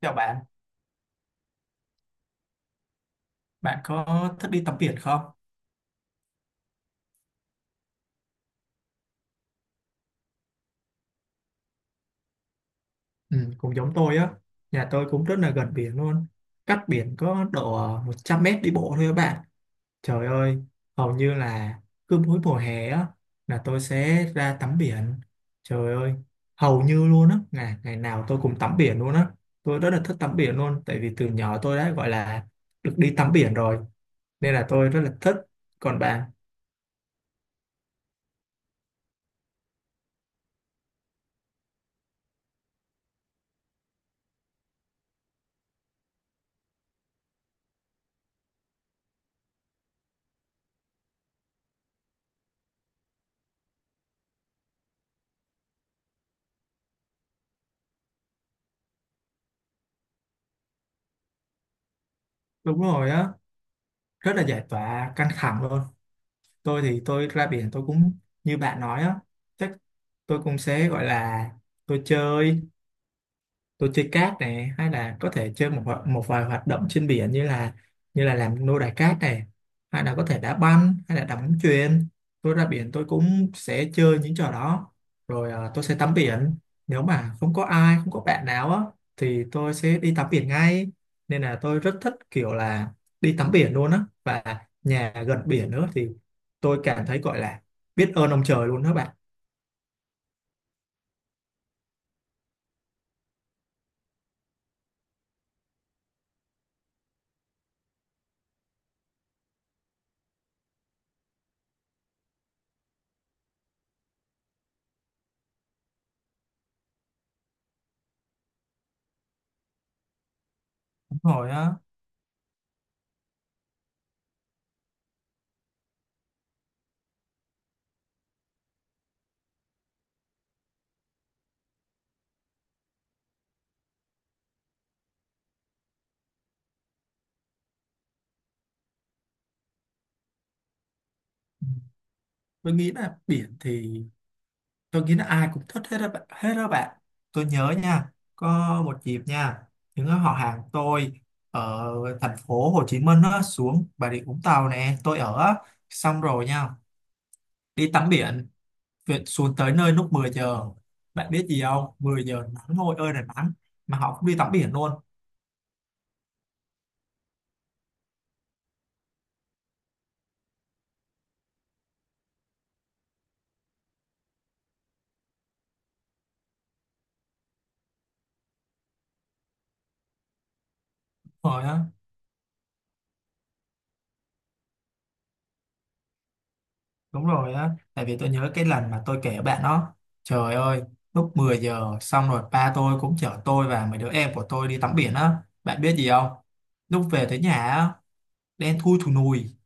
Chào bạn, bạn có thích đi tắm biển không? Ừ, cũng giống tôi á, nhà tôi cũng rất là gần biển luôn. Cách biển có độ 100 m đi bộ thôi các bạn. Trời ơi, hầu như là cứ mỗi mùa hè á, là tôi sẽ ra tắm biển. Trời ơi, hầu như luôn á, ngày nào tôi cũng tắm biển luôn á. Tôi rất là thích tắm biển luôn, tại vì từ nhỏ tôi đã gọi là được đi tắm biển rồi. Nên là tôi rất là thích. Còn bạn? Đúng rồi á, rất là giải tỏa căng thẳng luôn. Tôi thì tôi ra biển tôi cũng như bạn nói á, chắc tôi cũng sẽ gọi là tôi chơi tôi chơi cát này, hay là có thể chơi một vài hoạt động trên biển, như là làm nô đài cát này, hay là có thể đá banh hay là đá bóng chuyền. Tôi ra biển tôi cũng sẽ chơi những trò đó. Rồi à, tôi sẽ tắm biển. Nếu mà không có ai, không có bạn nào á, thì tôi sẽ đi tắm biển ngay, nên là tôi rất thích kiểu là đi tắm biển luôn á, và nhà gần biển nữa thì tôi cảm thấy gọi là biết ơn ông trời luôn đó bạn. Đúng rồi á. Ừ. Tôi nghĩ là biển thì tôi nghĩ là ai cũng thích hết đó bạn, hết đó bạn. Tôi nhớ nha, có một dịp nha, những họ hàng tôi ở thành phố Hồ Chí Minh á, xuống Bà Rịa Vũng Tàu nè tôi ở á. Xong rồi nha, đi tắm biển. Việc xuống tới nơi lúc 10 giờ, bạn biết gì không, 10 giờ nắng ngồi ơi là nắng mà họ cũng đi tắm biển luôn. Rồi Đúng rồi á, tại vì tôi nhớ cái lần mà tôi kể bạn đó, trời ơi, lúc 10 giờ xong rồi ba tôi cũng chở tôi và mấy đứa em của tôi đi tắm biển á, bạn biết gì không? Lúc về tới nhà á, đen thui thù nùi.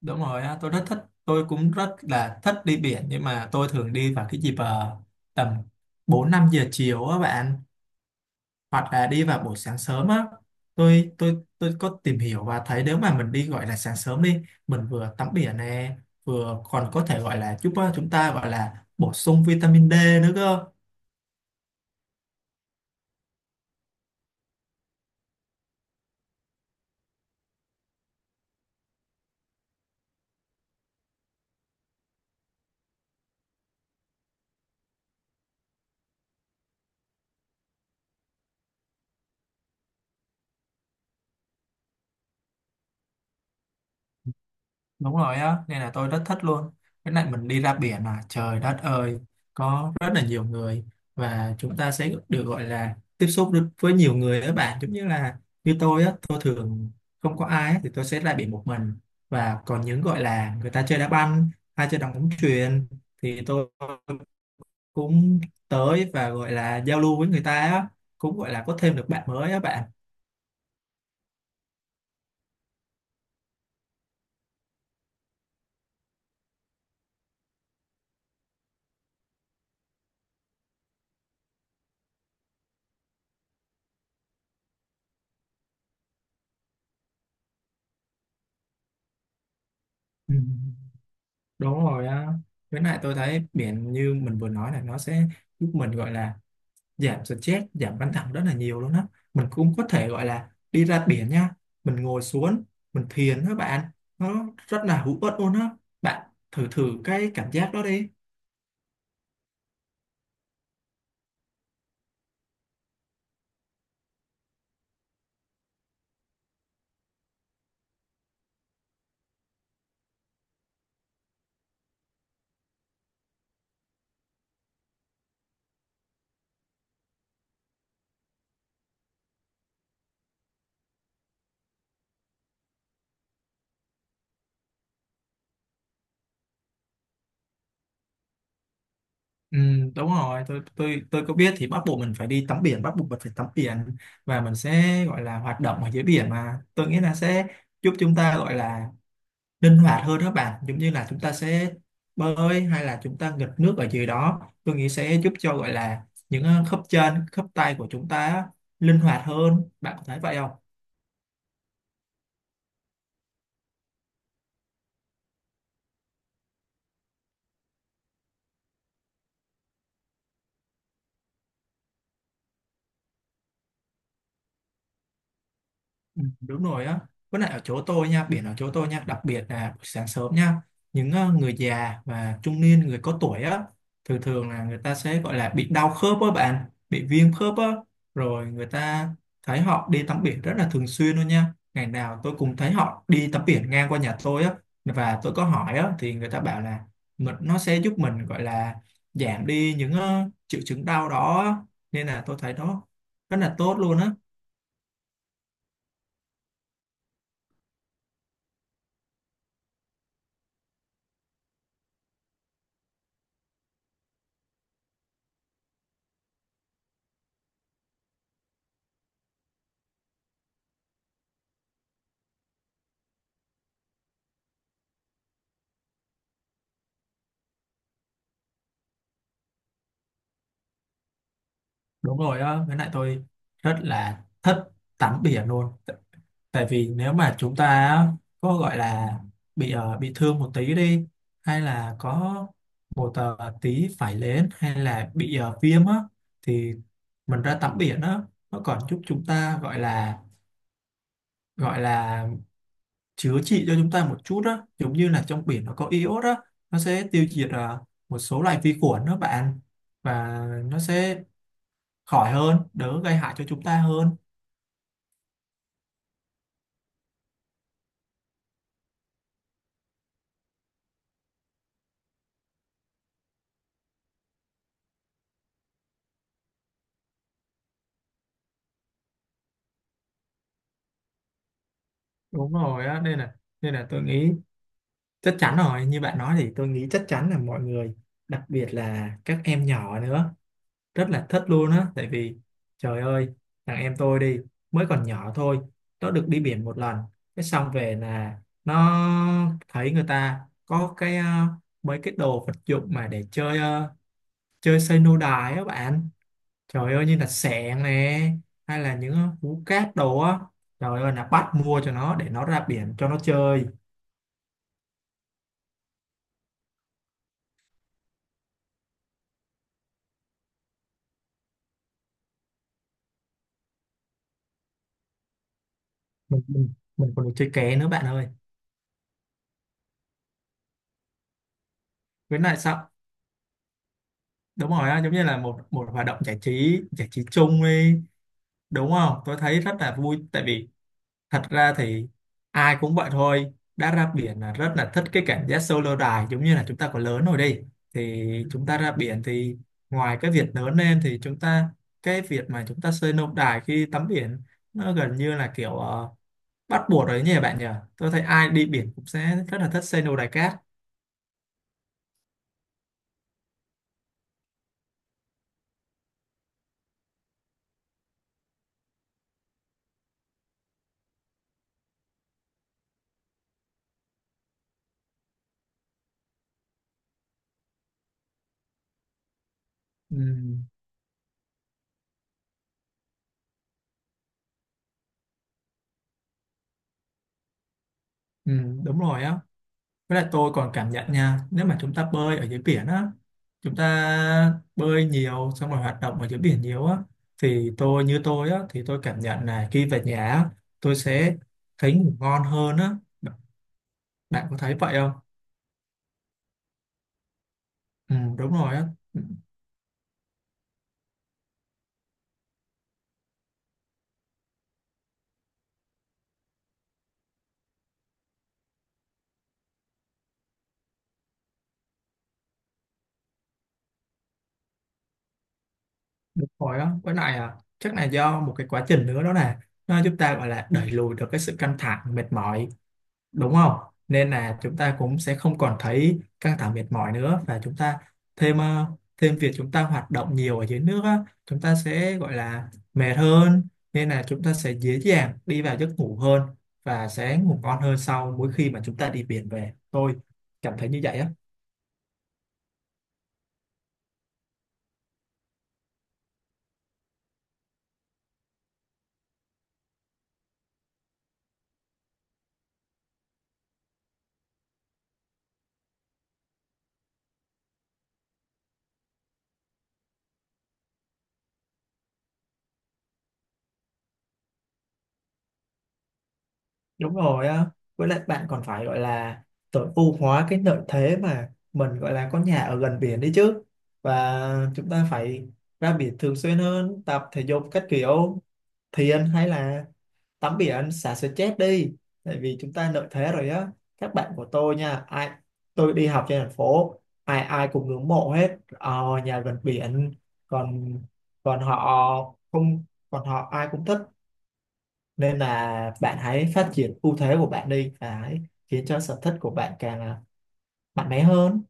Đúng rồi á, tôi rất thích, tôi cũng rất là thích đi biển nhưng mà tôi thường đi vào cái dịp tầm 4 5 giờ chiều á bạn, hoặc là đi vào buổi sáng sớm á. Tôi có tìm hiểu và thấy nếu mà mình đi gọi là sáng sớm đi, mình vừa tắm biển nè, vừa còn có thể gọi là giúp chúng ta gọi là bổ sung vitamin D nữa cơ. Đúng rồi á, nên là tôi rất thích luôn cái này. Mình đi ra biển mà trời đất ơi, có rất là nhiều người, và chúng ta sẽ được gọi là tiếp xúc được với nhiều người á bạn. Giống như là như tôi á, tôi thường không có ai á, thì tôi sẽ ra biển một mình, và còn những gọi là người ta chơi đá banh hay chơi đá bóng chuyền thì tôi cũng tới và gọi là giao lưu với người ta á, cũng gọi là có thêm được bạn mới á bạn. Ừ. Đúng rồi á. Với lại tôi thấy biển như mình vừa nói là nó sẽ giúp mình gọi là giảm stress, giảm căng thẳng rất là nhiều luôn á. Mình cũng có thể gọi là đi ra biển nha, mình ngồi xuống, mình thiền đó bạn. Nó rất là hữu ích luôn á. Bạn thử thử cái cảm giác đó đi. Ừ, đúng rồi, tôi có biết thì bắt buộc mình phải đi tắm biển, bắt buộc mình phải tắm biển, và mình sẽ gọi là hoạt động ở dưới biển mà. Tôi nghĩ là sẽ giúp chúng ta gọi là linh hoạt hơn đó bạn, giống như là chúng ta sẽ bơi hay là chúng ta nghịch nước ở dưới đó, tôi nghĩ sẽ giúp cho gọi là những khớp chân khớp tay của chúng ta á, linh hoạt hơn. Bạn có thấy vậy không? Ừ, đúng rồi á. Với lại ở chỗ tôi nha, biển ở chỗ tôi nha, đặc biệt là buổi sáng sớm nha, những người già và trung niên, người có tuổi á, thường thường là người ta sẽ gọi là bị đau khớp á bạn, bị viêm khớp á, rồi người ta, thấy họ đi tắm biển rất là thường xuyên luôn nha, ngày nào tôi cũng thấy họ đi tắm biển ngang qua nhà tôi á. Và tôi có hỏi á, thì người ta bảo là mình, nó sẽ giúp mình gọi là giảm đi những triệu chứng đau đó á. Nên là tôi thấy nó rất là tốt luôn á. Đúng rồi đó, với lại tôi rất là thích tắm biển luôn. Tại vì nếu mà chúng ta á, có gọi là bị thương một tí đi, hay là có một tí phải lên, hay là bị viêm á, thì mình ra tắm biển á, nó còn giúp chúng ta gọi là chữa trị cho chúng ta một chút á. Giống như là trong biển nó có iốt á, nó sẽ tiêu diệt một số loại vi khuẩn đó bạn, và nó sẽ khỏi hơn, đỡ gây hại cho chúng ta hơn. Đúng rồi á, nên là tôi nghĩ chắc chắn rồi, như bạn nói thì tôi nghĩ chắc chắn là mọi người, đặc biệt là các em nhỏ nữa, rất là thích luôn á. Tại vì trời ơi, thằng em tôi đi, mới còn nhỏ thôi, nó được đi biển một lần, cái xong về là nó thấy người ta có cái mấy cái đồ vật dụng mà để chơi, chơi xây nô đài á bạn. Trời ơi, như là xẻng nè, hay là những hú cát đồ á, trời ơi là bắt mua cho nó để nó ra biển cho nó chơi. Mình còn được chơi ké nữa bạn ơi. Với lại sao, đúng rồi á, giống như là một một hoạt động giải trí, giải trí chung đi, đúng không? Tôi thấy rất là vui tại vì, thật ra thì ai cũng vậy thôi, đã ra biển là rất là thích cái cảm giác solo dive. Giống như là chúng ta còn lớn rồi đi, thì chúng ta ra biển thì, ngoài cái việc lớn lên thì chúng ta, cái việc mà chúng ta solo dive khi tắm biển, nó gần như là kiểu bắt buộc rồi nhỉ, bạn nhỉ? Tôi thấy ai đi biển cũng sẽ rất là thích solo dive cát. Ừ. Ừ, đúng rồi á. Với lại tôi còn cảm nhận nha, nếu mà chúng ta bơi ở dưới biển á, chúng ta bơi nhiều xong rồi hoạt động ở dưới biển nhiều á, thì tôi như tôi á, thì tôi cảm nhận là khi về nhà á, tôi sẽ thấy ngủ ngon hơn á. Bạn có thấy vậy không? Ừ, đúng rồi á. Ừ, đúng rồi á. Với lại à, chắc là do một cái quá trình nữa đó nè, nó giúp ta gọi là đẩy lùi được cái sự căng thẳng, mệt mỏi, đúng không? Nên là chúng ta cũng sẽ không còn thấy căng thẳng mệt mỏi nữa, và chúng ta thêm ờ, thêm việc chúng ta hoạt động nhiều ở dưới nước á, chúng ta sẽ gọi là mệt hơn, nên là chúng ta sẽ dễ dàng đi vào giấc ngủ hơn, và sẽ ngủ ngon hơn sau mỗi khi mà chúng ta đi biển về. Tôi cảm thấy như vậy á. Đúng rồi á, với lại bạn còn phải gọi là tối ưu hóa cái lợi thế mà mình gọi là có nhà ở gần biển đi chứ, và chúng ta phải ra biển thường xuyên hơn, tập thể dục các kiểu. Thì anh thấy là tắm biển, anh xả stress đi, tại vì chúng ta lợi thế rồi á. Các bạn của tôi nha, ai, tôi đi học trên thành phố, ai ai cũng ngưỡng mộ hết nhà gần biển. Còn còn họ không, còn họ ai cũng thích. Nên là bạn hãy phát triển ưu thế của bạn đi, và hãy khiến cho sở thích của bạn càng là mạnh mẽ hơn.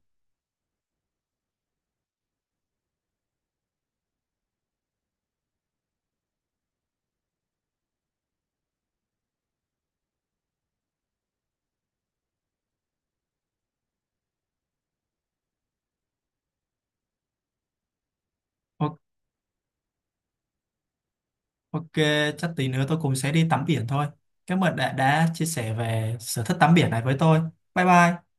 O- Ok, chắc tí nữa tôi cũng sẽ đi tắm biển thôi. Cảm ơn đã chia sẻ về sở thích tắm biển này với tôi. Bye bye.